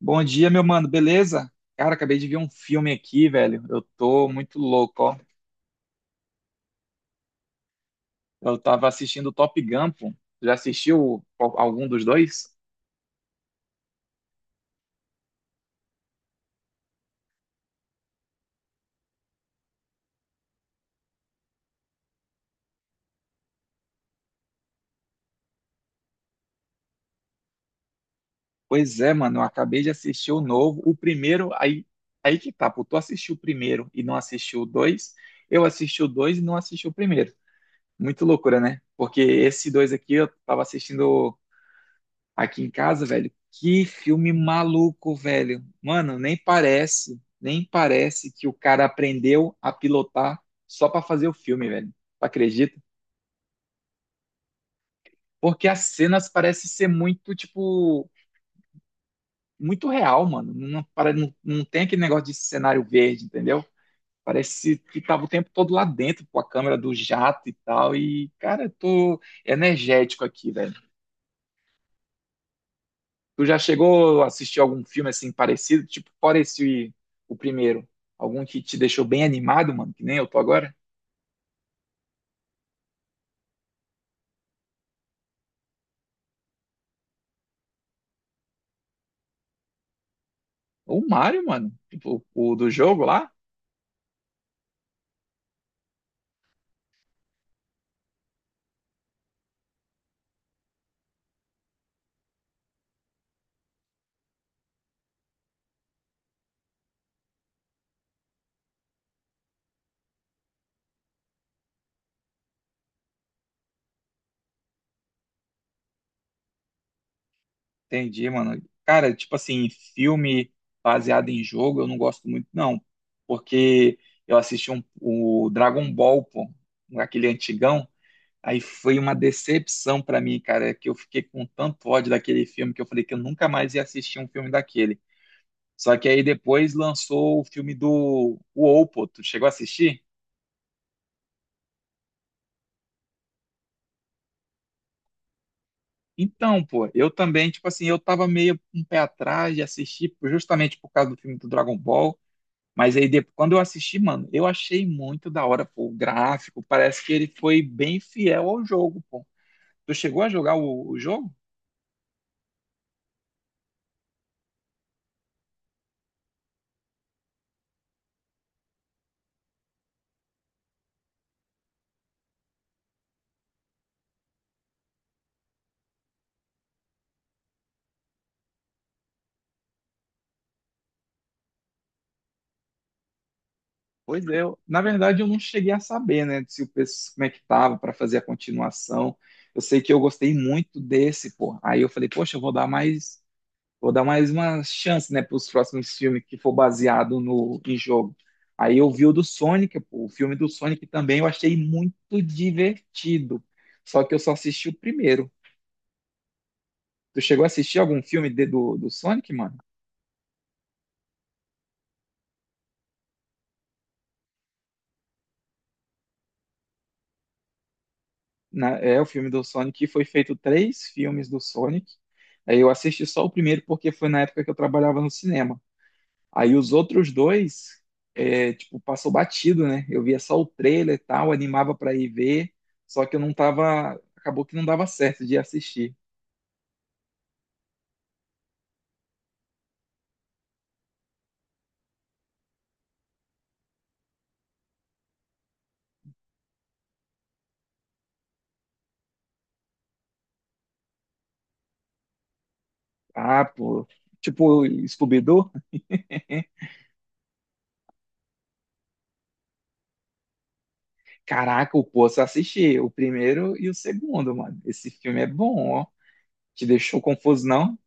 Bom dia, meu mano, beleza? Cara, acabei de ver um filme aqui, velho. Eu tô muito louco, ó. Eu tava assistindo Top Gun, pô. Já assistiu algum dos dois? Pois é, mano, eu acabei de assistir o novo. O primeiro, aí, aí que tá, pô. Tu assistiu o primeiro e não assistiu o dois. Eu assisti o dois e não assisti o primeiro. Muito loucura, né? Porque esse dois aqui eu tava assistindo. Aqui em casa, velho, que filme maluco, velho. Mano, nem parece que o cara aprendeu a pilotar só pra fazer o filme, velho. Tu acredita? Porque as cenas parecem ser muito, tipo, muito real, mano. Não, não, não tem aquele negócio de cenário verde, entendeu? Parece que tava o tempo todo lá dentro, com a câmera do jato e tal. E, cara, eu tô energético aqui, velho. Tu já chegou a assistir algum filme assim parecido? Tipo, fora esse o primeiro. Algum que te deixou bem animado, mano, que nem eu tô agora? O Mario, mano. Tipo, o do jogo lá? Entendi, mano. Cara, tipo assim, filme baseado em jogo eu não gosto muito, não. Porque eu assisti um, o Dragon Ball, pô, aquele antigão. Aí foi uma decepção pra mim, cara, que eu fiquei com tanto ódio daquele filme que eu falei que eu nunca mais ia assistir um filme daquele. Só que aí depois lançou o filme do o Oppo, tu chegou a assistir? Então, pô, eu também, tipo assim, eu tava meio um pé atrás de assistir pô, justamente por causa do filme do Dragon Ball, mas aí depois, quando eu assisti, mano, eu achei muito da hora, pô, o gráfico, parece que ele foi bem fiel ao jogo, pô. Tu chegou a jogar o jogo? Pois é, na verdade eu não cheguei a saber, né, se o como é que tava pra fazer a continuação. Eu sei que eu gostei muito desse, pô. Aí eu falei, poxa, eu vou dar mais Vou dar mais uma chance, né, para os próximos filmes que for baseado no em jogo. Aí eu vi o do Sonic, pô, o filme do Sonic também eu achei muito divertido. Só que eu só assisti o primeiro. Tu chegou a assistir algum filme do Sonic, mano? É, o filme do Sonic foi feito três filmes do Sonic. Aí eu assisti só o primeiro porque foi na época que eu trabalhava no cinema. Aí os outros dois, é, tipo, passou batido, né? Eu via só o trailer e tal, animava pra ir ver, só que eu não tava, acabou que não dava certo de assistir. Ah, pô, tipo, Scooby-Doo? Né? Caraca, o só assisti o primeiro e o segundo, mano. Esse filme é bom, ó. Te deixou confuso, não?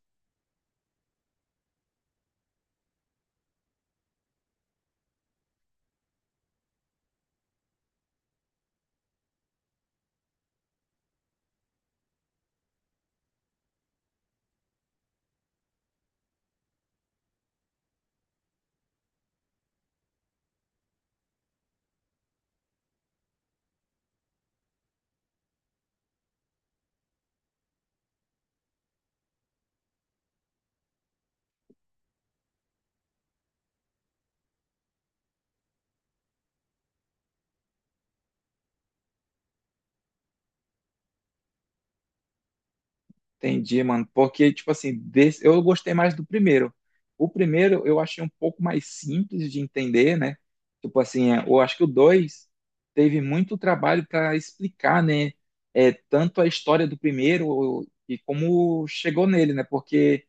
Entendi, mano. Porque, tipo assim, eu gostei mais do primeiro. O primeiro eu achei um pouco mais simples de entender, né? Tipo assim, é, eu acho que o dois teve muito trabalho para explicar, né? É, tanto a história do primeiro e como chegou nele, né? Porque,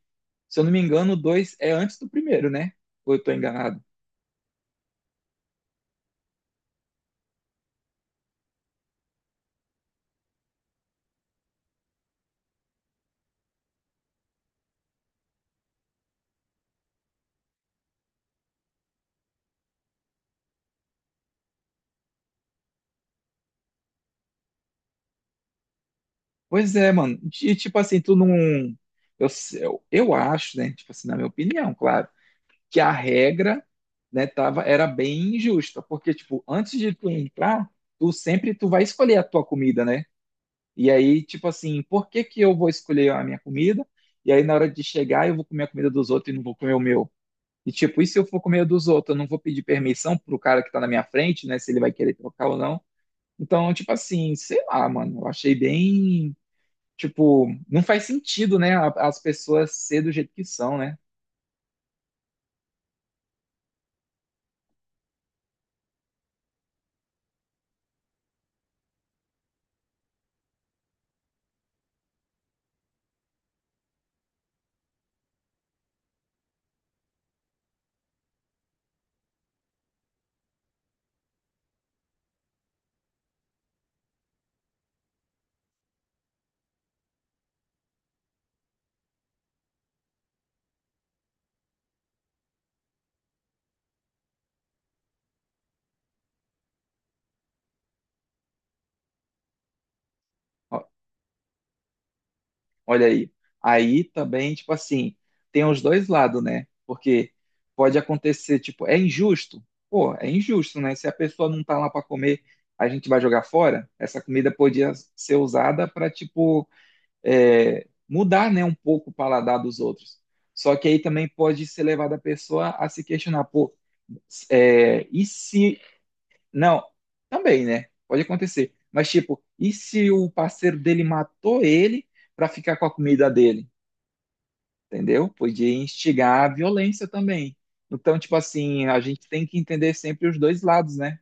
se eu não me engano, o dois é antes do primeiro, né? Ou eu tô enganado? Pois é, mano. E, tipo assim, tu não. Eu, eu acho, né? Tipo assim, na minha opinião, claro que a regra, né, tava, era bem injusta, porque, tipo, antes de tu entrar, tu sempre tu vai escolher a tua comida, né? E aí, tipo assim, por que que eu vou escolher a minha comida? E aí, na hora de chegar, eu vou comer a comida dos outros e não vou comer o meu. E tipo, e se eu for comer a dos outros, eu não vou pedir permissão pro cara que tá na minha frente, né? Se ele vai querer trocar ou não. Então, tipo assim, sei lá, mano, eu achei bem, tipo, não faz sentido, né? As pessoas ser do jeito que são, né? Olha aí. Aí também, tipo assim, tem os dois lados, né? Porque pode acontecer, tipo, é injusto? Pô, é injusto, né? Se a pessoa não tá lá para comer, a gente vai jogar fora? Essa comida podia ser usada para, tipo, é, mudar, né, um pouco o paladar dos outros. Só que aí também pode ser levado a pessoa a se questionar, pô, é, e se. Não, também, né? Pode acontecer. Mas, tipo, e se o parceiro dele matou ele para ficar com a comida dele? Entendeu? Podia instigar a violência também. Então, tipo assim, a gente tem que entender sempre os dois lados, né?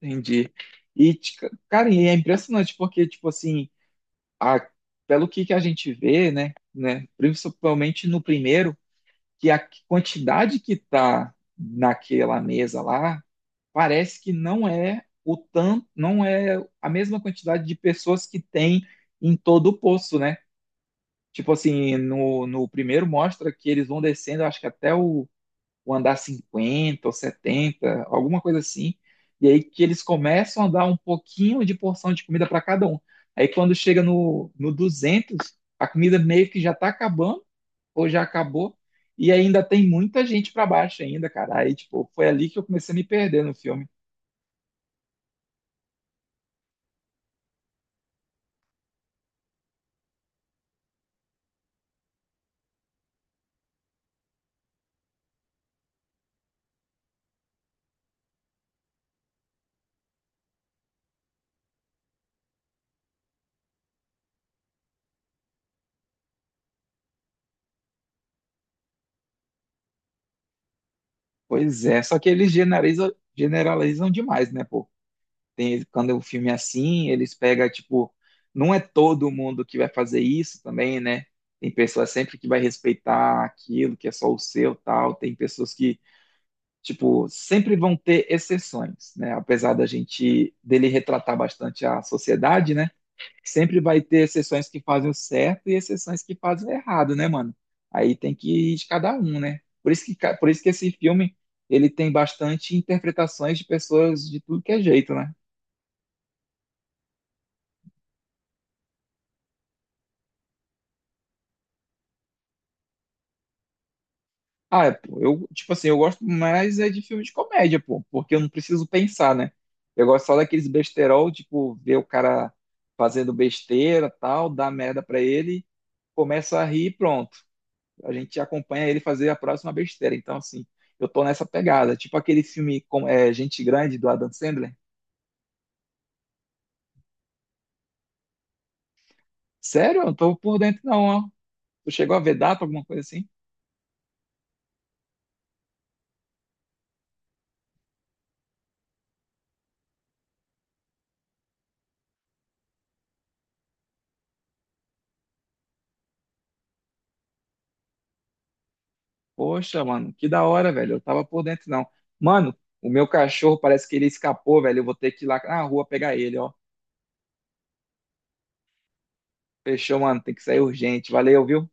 Entendi. E, cara, e é impressionante porque, tipo assim, a- pelo que a gente vê, né, principalmente no primeiro, que a quantidade que tá naquela mesa lá, parece que não é o tanto, não é a mesma quantidade de pessoas que tem em todo o poço, né? Tipo assim, no primeiro mostra que eles vão descendo, acho que até o andar 50 ou 70 alguma coisa assim. E aí que eles começam a dar um pouquinho de porção de comida para cada um. Aí quando chega no 200 a comida meio que já tá acabando, ou já acabou, e ainda tem muita gente para baixo ainda, cara. Aí, tipo, foi ali que eu comecei a me perder no filme. Pois é, só que eles generalizam, generalizam demais, né, pô? Tem, quando o filme é assim, eles pegam, tipo, não é todo mundo que vai fazer isso também, né? Tem pessoas sempre que vai respeitar aquilo que é só o seu, tal. Tem pessoas que, tipo, sempre vão ter exceções, né? Apesar da gente dele retratar bastante a sociedade, né? Sempre vai ter exceções que fazem o certo e exceções que fazem o errado, né, mano? Aí tem que ir de cada um, né? Por isso que, por isso que esse filme ele tem bastante interpretações de pessoas de tudo que é jeito, né? Ah, é, pô, eu, tipo assim, eu gosto mais é de filme de comédia, pô, porque eu não preciso pensar, né? Eu gosto só daqueles besterol, tipo, ver o cara fazendo besteira, tal, dá merda pra ele, começa a rir e pronto. A gente acompanha ele fazer a próxima besteira. Então, assim, eu tô nessa pegada. Tipo aquele filme com, é, Gente Grande, do Adam Sandler. Sério? Eu não tô por dentro não, ó. Tu chegou a ver data, alguma coisa assim? Poxa, mano, que da hora, velho. Eu tava por dentro, não. Mano, o meu cachorro parece que ele escapou, velho. Eu vou ter que ir lá na rua pegar ele, ó. Fechou, mano. Tem que sair urgente. Valeu, viu?